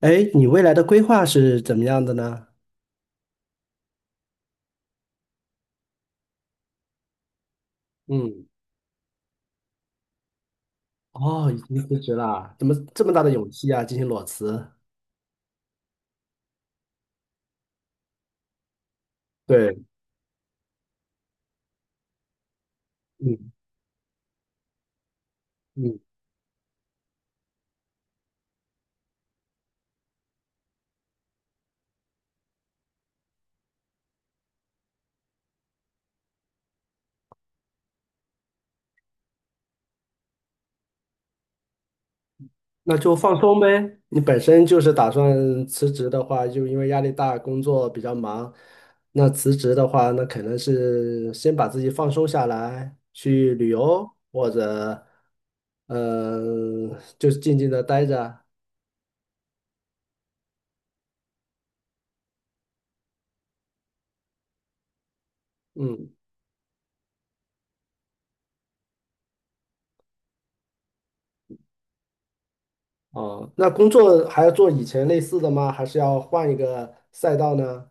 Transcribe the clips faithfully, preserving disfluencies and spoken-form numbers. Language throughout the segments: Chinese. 哎，你未来的规划是怎么样的呢？嗯，哦，已经辞职了，怎么这么大的勇气啊，进行裸辞？对，嗯嗯，那就放松呗。你本身就是打算辞职的话，就因为压力大，工作比较忙，那辞职的话，那可能是先把自己放松下来，去旅游或者，嗯、就是静静的待着。嗯，哦，那工作还要做以前类似的吗？还是要换一个赛道呢？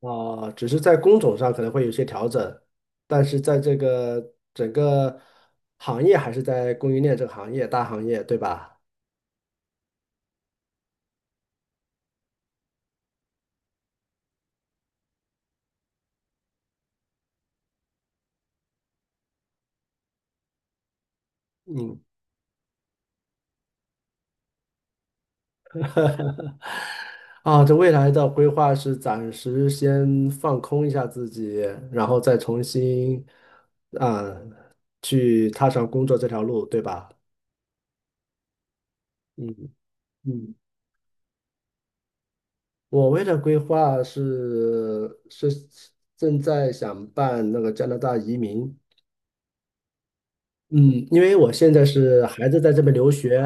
啊，只是在工种上可能会有些调整，但是在这个整个行业还是在供应链这个行业，大行业，对吧？嗯，啊，这未来的规划是暂时先放空一下自己，然后再重新啊去踏上工作这条路，对吧？嗯嗯，我为了规划是是正在想办那个加拿大移民。嗯，因为我现在是孩子在这边留学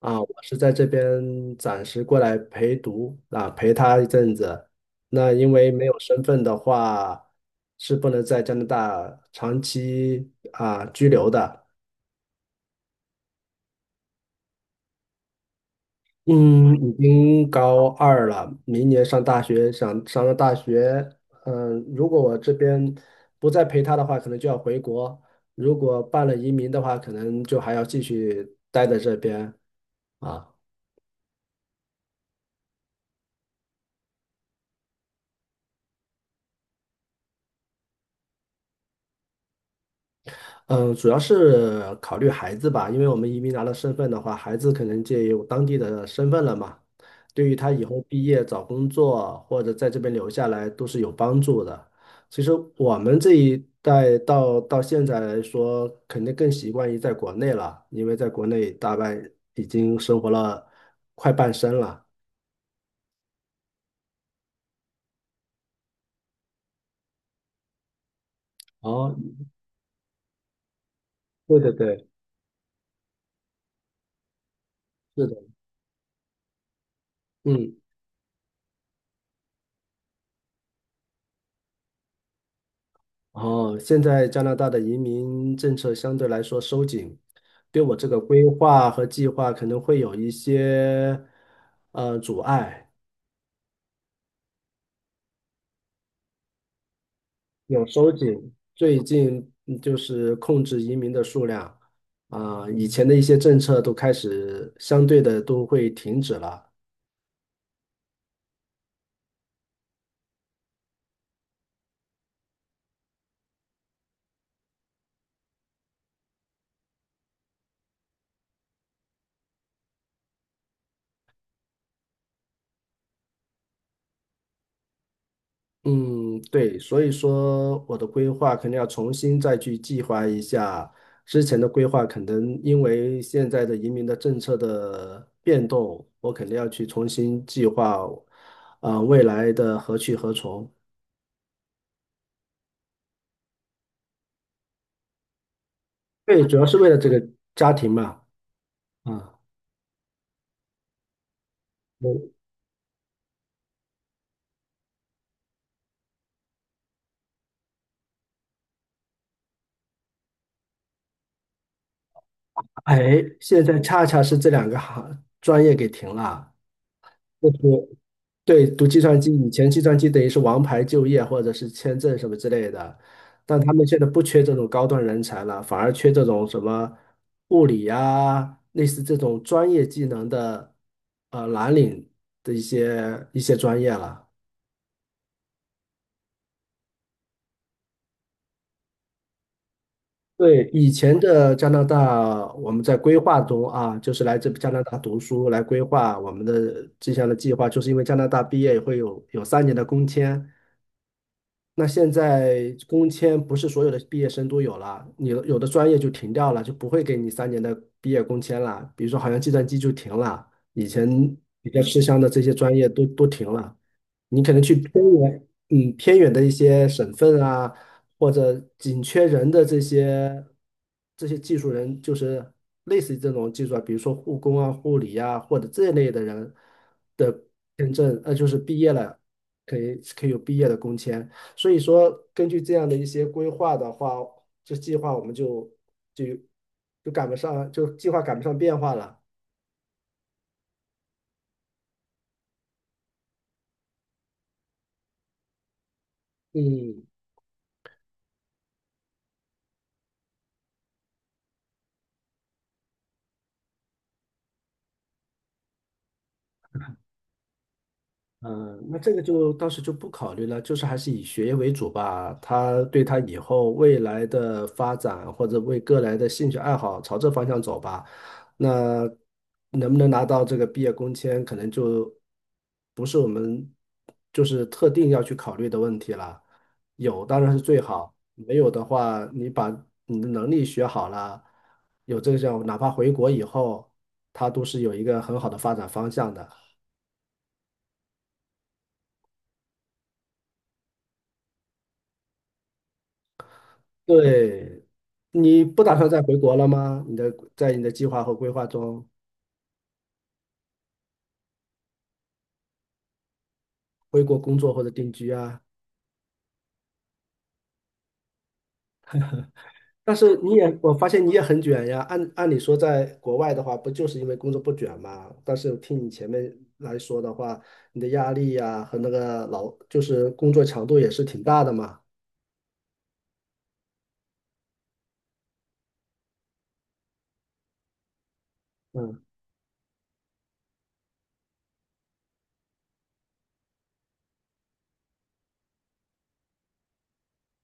啊，我是在这边暂时过来陪读啊，陪他一阵子。那因为没有身份的话，是不能在加拿大长期啊居留的。嗯，已经高二了，明年上大学，想上了大学，嗯，如果我这边不再陪他的话，可能就要回国；如果办了移民的话，可能就还要继续待在这边啊。嗯，主要是考虑孩子吧，因为我们移民拿了身份的话，孩子可能就有当地的身份了嘛，对于他以后毕业找工作或者在这边留下来都是有帮助的。其实我们这一代到到现在来说，肯定更习惯于在国内了，因为在国内大半已经生活了快半生了。哦，对对对，是的，嗯。哦，现在加拿大的移民政策相对来说收紧，对我这个规划和计划可能会有一些呃阻碍，有收紧。最近嗯就是控制移民的数量啊，以前的一些政策都开始相对的都会停止了。嗯，对，所以说我的规划肯定要重新再去计划一下。之前的规划可能因为现在的移民的政策的变动，我肯定要去重新计划，啊、未来的何去何从。对，主要是为了这个家庭嘛。啊、我哎，现在恰恰是这两个行专业给停了。就是对读计算机，以前计算机等于是王牌就业或者是签证什么之类的，但他们现在不缺这种高端人才了，反而缺这种什么物理呀、类似这种专业技能的呃蓝领的一些一些专业了。对，以前的加拿大，我们在规划中啊，就是来这加拿大读书，来规划我们的这项的计划，就是因为加拿大毕业会有有三年的工签，那现在工签不是所有的毕业生都有了，你有的专业就停掉了，就不会给你三年的毕业工签了。比如说，好像计算机就停了，以前比较吃香的这些专业都都停了。你可能去偏远，嗯，偏远的一些省份啊，或者紧缺人的这些这些技术人，就是类似于这种技术啊，比如说护工啊、护理啊，或者这类的人的签证，呃，就是毕业了，可以可以有毕业的工签。所以说，根据这样的一些规划的话，这计划我们就就就赶不上，就计划赶不上变化了。嗯，嗯，那这个就当时就不考虑了，就是还是以学业为主吧。他对他以后未来的发展或者为个人的兴趣爱好朝这方向走吧。那能不能拿到这个毕业工签，可能就不是我们就是特定要去考虑的问题了。有当然是最好，没有的话，你把你的能力学好了，有这个项目，哪怕回国以后，他都是有一个很好的发展方向的。对，你不打算再回国了吗？你的在你的计划和规划中，回国工作或者定居啊？但是你也，我发现你也很卷呀。按按理说，在国外的话，不就是因为工作不卷嘛？但是听你前面来说的话，你的压力呀、和那个劳，就是工作强度也是挺大的嘛。嗯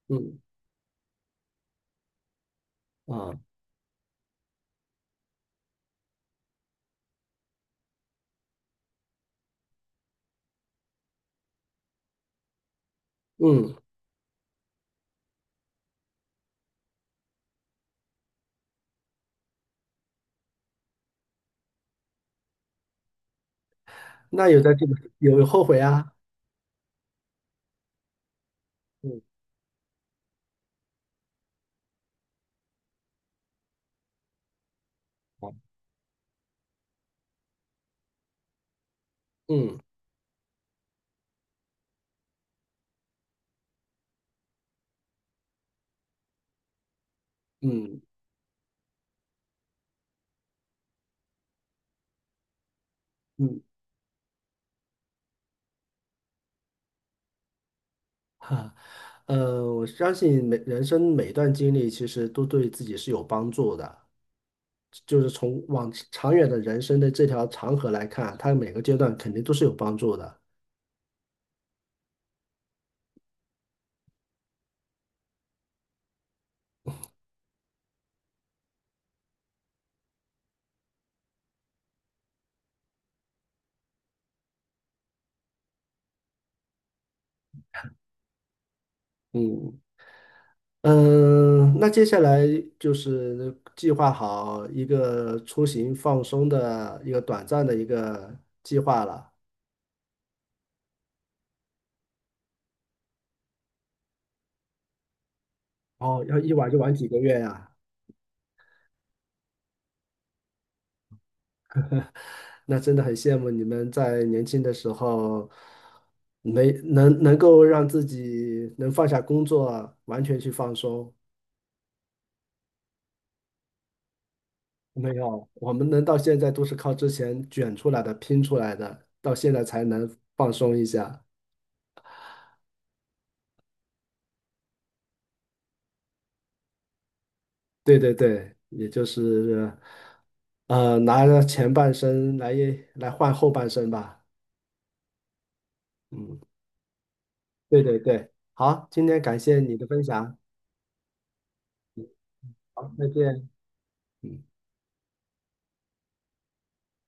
嗯啊嗯，那有在这个有有后悔啊？嗯啊嗯嗯嗯，呃，我相信每人生每一段经历其实都对自己是有帮助的，就是从往长远的人生的这条长河来看，它每个阶段肯定都是有帮助的。嗯嗯，那接下来就是计划好一个出行放松的一个短暂的一个计划了，哦，要一玩就玩几个月呀？那真的很羡慕你们在年轻的时候没能能够让自己能放下工作，完全去放松。没有，我们能到现在都是靠之前卷出来的、拼出来的，到现在才能放松一下。对对对，也就是呃，拿着前半生来来换后半生吧。对对对，好，今天感谢你的分享，好，再见。嗯。